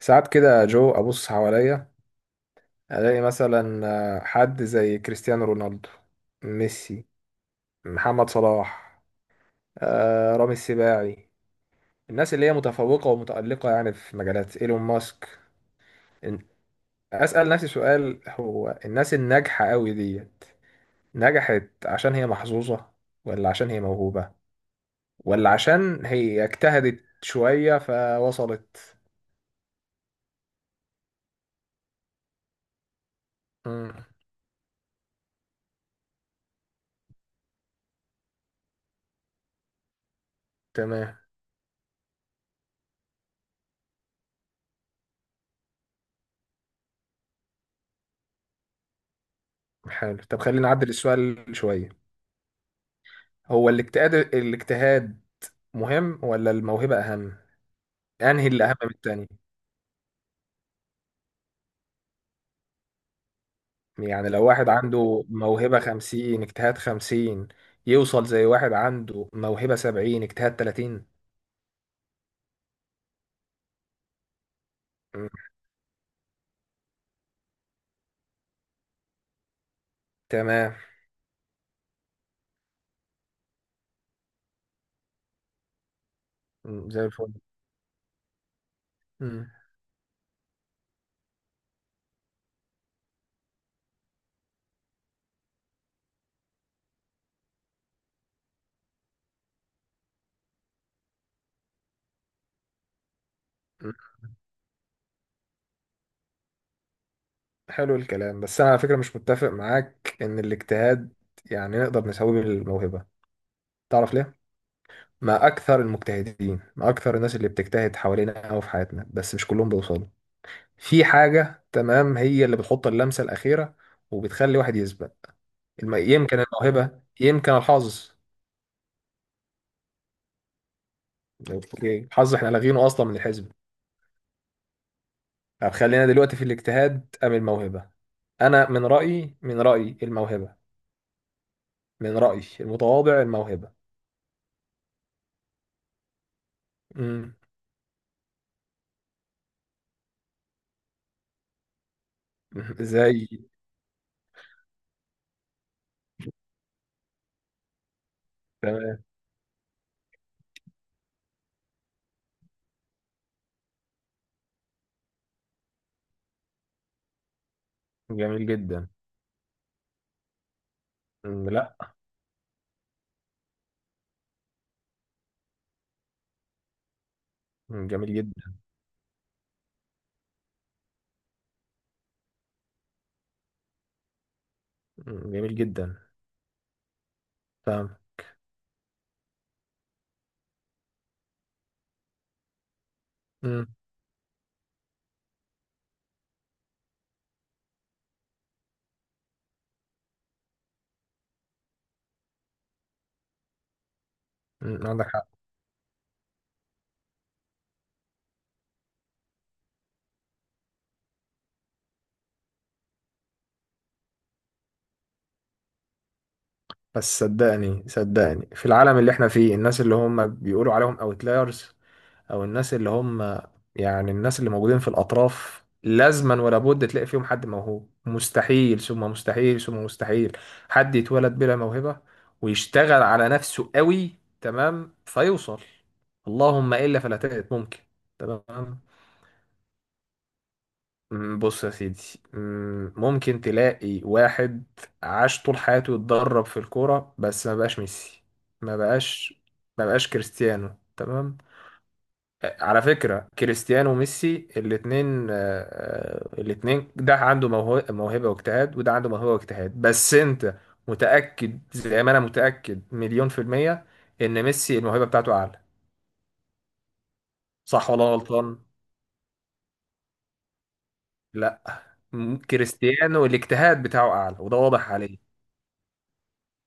ساعات كده جو ابص حواليا، الاقي مثلا حد زي كريستيانو رونالدو، ميسي، محمد صلاح، رامي السباعي، الناس اللي هي متفوقة ومتألقة يعني في مجالات، ايلون ماسك. إن- اسأل نفسي سؤال، هو الناس الناجحة قوي ديت نجحت عشان هي محظوظة، ولا عشان هي موهوبة، ولا عشان هي اجتهدت شوية فوصلت؟ مم. تمام. حلو، طب خلينا نعدل السؤال شوية. هو الاجتهاد مهم ولا الموهبة أهم؟ أنهي اللي أهم من التاني؟ يعني لو واحد عنده موهبة خمسين اجتهاد خمسين، يوصل زي واحد عنده موهبة سبعين اجتهاد تلاتين؟ مم. تمام. مم، زي الفل. مم. مم. حلو الكلام، بس أنا على فكرة مش متفق معاك إن الاجتهاد يعني نقدر نساويه بالموهبة. تعرف ليه؟ ما أكثر المجتهدين، ما أكثر الناس اللي بتجتهد حوالينا أو في حياتنا، بس مش كلهم بيوصلوا. في حاجة تمام هي اللي بتحط اللمسة الأخيرة، وبتخلي واحد يثبت. يمكن الموهبة، يمكن الحظ. اوكي، الحظ احنا لاغينه أصلا من الحزب. طب خلينا دلوقتي في الاجتهاد أم الموهبة. أنا من رأيي، الموهبة. من رأيي المتواضع الموهبة. امم زي. تمام، جميل جدا. أمم، لا. أمم، جميل جدا. أمم، جميل جدا. فاهم. أمم. أمم، عندك حق. بس صدقني صدقني، في العالم اللي احنا فيه الناس اللي هم بيقولوا عليهم اوتلايرز، او الناس اللي هم يعني الناس اللي موجودين في الاطراف، لازما ولا بد تلاقي فيهم حد موهوب. مستحيل ثم مستحيل ثم مستحيل حد يتولد بلا موهبة ويشتغل على نفسه قوي، تمام، فيوصل. اللهم الا فلا تجد، ممكن. تمام. بص يا سيدي. ممكن تلاقي واحد عاش طول حياته يتدرب في الكورة، بس ما بقاش ميسي. ما بقاش. ما بقاش كريستيانو، تمام. على فكرة كريستيانو وميسي الاتنين، الاتنين، ده عنده موهبة واجتهاد، وده عنده موهبة واجتهاد، بس انت متأكد زي ما انا متأكد مليون في المية ان ميسي الموهبة بتاعته اعلى. صح ولا أنا غلطان؟ لا، كريستيانو الاجتهاد بتاعه اعلى، وده واضح عليه.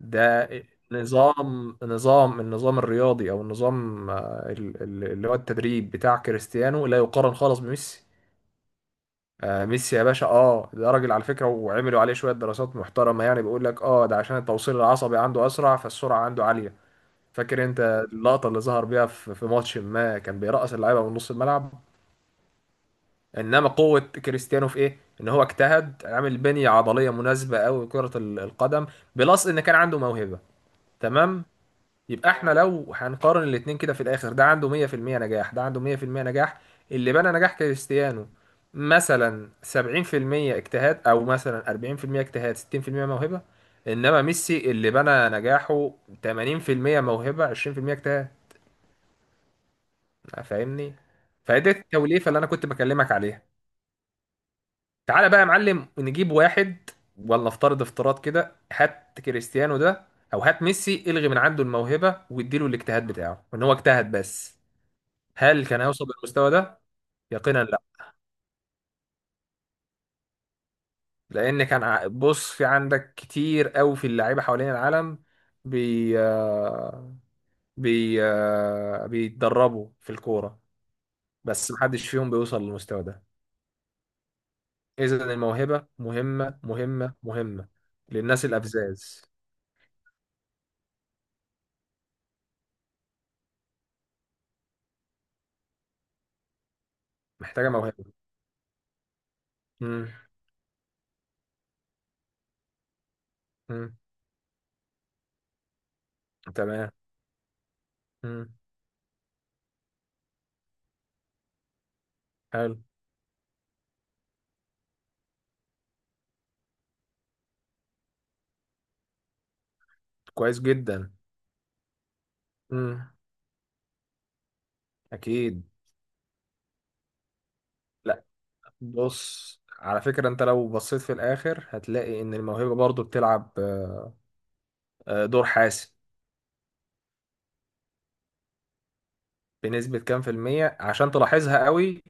ده نظام نظام النظام الرياضي او النظام، اللي هو التدريب بتاع كريستيانو لا يقارن خالص بميسي. ميسي يا باشا، ده راجل على فكرة، وعملوا عليه شوية دراسات محترمة، يعني بيقول لك ده عشان التوصيل العصبي عنده أسرع، فالسرعة عنده عالية. فاكر انت اللقطة اللي ظهر بيها في ماتش ما كان بيرقص اللعيبة من نص الملعب. انما قوة كريستيانو في ايه؟ ان هو اجتهد، عامل بنية عضلية مناسبة قوي لكرة القدم، بلس ان كان عنده موهبة. تمام. يبقى احنا لو هنقارن الاتنين كده في الاخر، ده عنده 100% نجاح، ده عنده 100% نجاح. اللي بنى نجاح كريستيانو مثلا 70% اجتهاد، او مثلا 40% اجتهاد 60% موهبة. انما ميسي اللي بنى نجاحه 80% موهبة 20% اجتهاد. فاهمني؟ فدي التوليفة اللي انا كنت بكلمك عليها. تعالى بقى يا معلم نجيب واحد، ولا افترض افتراض كده، هات كريستيانو ده، او هات ميسي، الغي من عنده الموهبة واديله الاجتهاد بتاعه ان هو اجتهد بس. هل كان هيوصل للمستوى ده؟ يقينا لا. لان كان بص، في عندك كتير قوي في اللعيبه حوالين العالم، بي آه، بي آه، بيتدربوا في الكوره، بس محدش فيهم بيوصل للمستوى ده. اذا الموهبه مهمه مهمه مهمه للناس الابزاز. محتاجه موهبه. مم. مم. تمام. مم. حلو. كويس جدا. مم. اكيد. لا، بص على فكرة، انت لو بصيت في الاخر هتلاقي ان الموهبة برضو بتلعب دور حاسم. بنسبة كام في المية عشان تلاحظها قوي،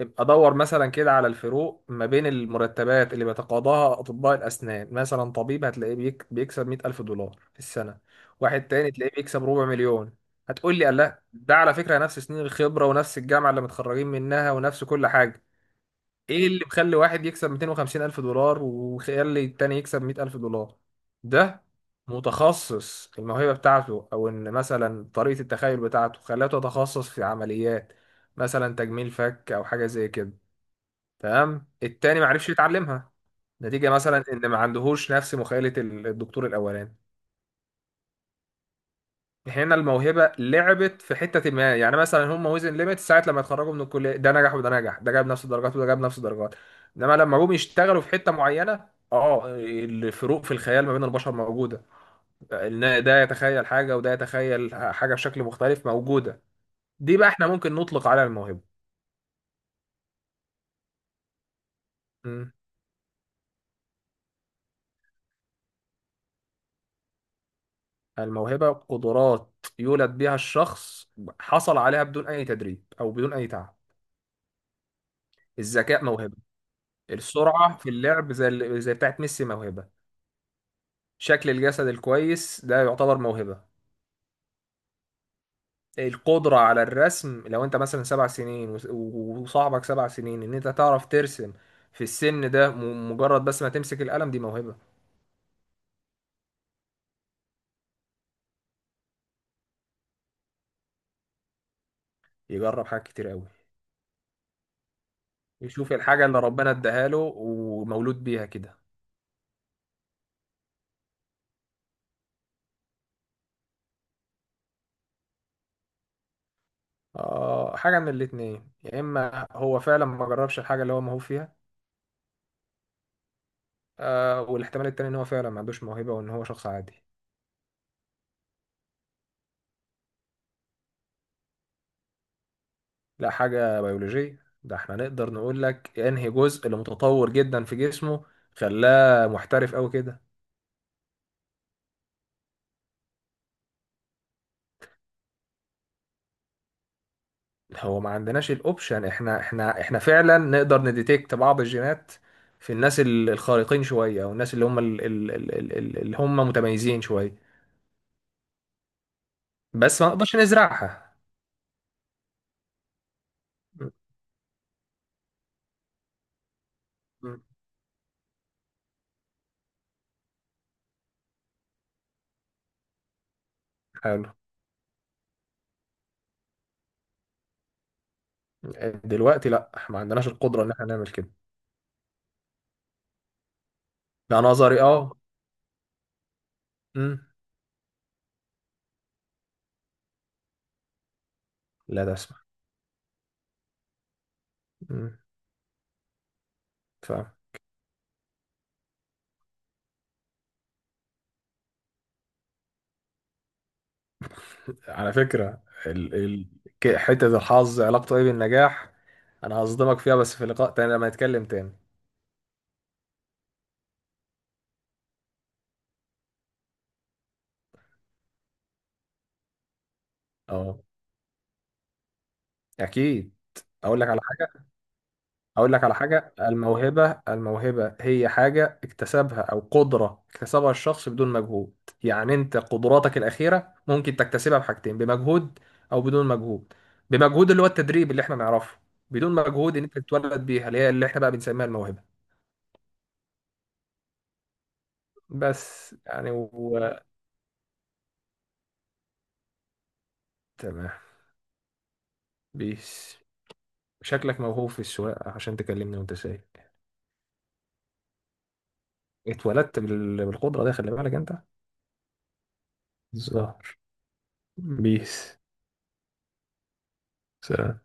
ابقى دور مثلا كده على الفروق ما بين المرتبات اللي بيتقاضاها أطباء الأسنان. مثلا طبيب هتلاقيه بيكسب مية ألف دولار في السنة، واحد تاني تلاقيه بيكسب ربع مليون. هتقول لي لا، ده على فكرة نفس سنين الخبرة ونفس الجامعة اللي متخرجين منها ونفس كل حاجة. ايه اللي مخلي واحد يكسب 250 الف دولار، وخلي التاني يكسب 100 الف دولار؟ ده متخصص، الموهبة بتاعته او ان مثلا طريقة التخيل بتاعته خلاته يتخصص في عمليات، مثلا تجميل فك او حاجة زي كده، تمام، التاني معرفش يتعلمها، نتيجة مثلا ان ما عندهوش نفس مخيلة الدكتور الاولاني. هنا الموهبة لعبت في حتة ما، يعني مثلا هم وزن ليميت ساعة لما يتخرجوا من الكلية، ده نجح وده نجح، ده جاب نفس الدرجات وده جاب نفس الدرجات، انما لما جم يشتغلوا في حتة معينة، الفروق في الخيال ما بين البشر موجودة، إن ده يتخيل حاجة وده يتخيل حاجة بشكل مختلف موجودة. دي بقى احنا ممكن نطلق عليها الموهبة. مم. الموهبة قدرات يولد بها الشخص، حصل عليها بدون أي تدريب أو بدون أي تعب. الذكاء موهبة. السرعة في اللعب زي بتاعت ميسي موهبة. شكل الجسد الكويس ده يعتبر موهبة. القدرة على الرسم، لو انت مثلا 7 سنين و وصاحبك 7 سنين ان انت تعرف ترسم في السن ده، مجرد بس ما تمسك القلم، دي موهبة. يجرب حاجات كتير قوي. يشوف الحاجة اللي ربنا اداها له ومولود بيها كده. آه، حاجة من الاتنين، يا اما هو فعلا ما جربش الحاجة اللي هو موهوب فيها، آه، والاحتمال التاني ان هو فعلا ما عندوش موهبة وان هو شخص عادي. لا، حاجة بيولوجية. ده احنا نقدر نقول لك انهي جزء اللي متطور جدا في جسمه خلاه محترف قوي كده. هو ما عندناش الاوبشن، احنا فعلا نقدر نديتكت بعض الجينات في الناس الخارقين شوية، او الناس اللي هم اللي هم متميزين شوية. بس ما نقدرش نزرعها. م- م- حلو. دلوقتي لا، ما عندناش القدرة ان احنا نعمل كده. لا، نظري اه. م، لا تسمع. م، فاهم. على فكرة حتة الحظ علاقته ايه بالنجاح، انا هصدمك فيها بس في لقاء تاني لما نتكلم تاني. اه. اكيد. اقول لك على حاجة اقول لك على حاجة. الموهبة هي حاجة اكتسبها او قدرة اكتسبها الشخص بدون مجهود. يعني انت قدراتك الأخيرة ممكن تكتسبها بحاجتين، بمجهود او بدون مجهود. بمجهود اللي هو التدريب اللي احنا نعرفه، بدون مجهود ان انت تتولد بيها اللي هي اللي احنا بقى بنسميها الموهبة. بس يعني تمام. بيس. شكلك موهوب في السواقة عشان تكلمني وانت سايق. اتولدت بالقدرة دي، خلي بالك انت الظهر. بيس. سلام.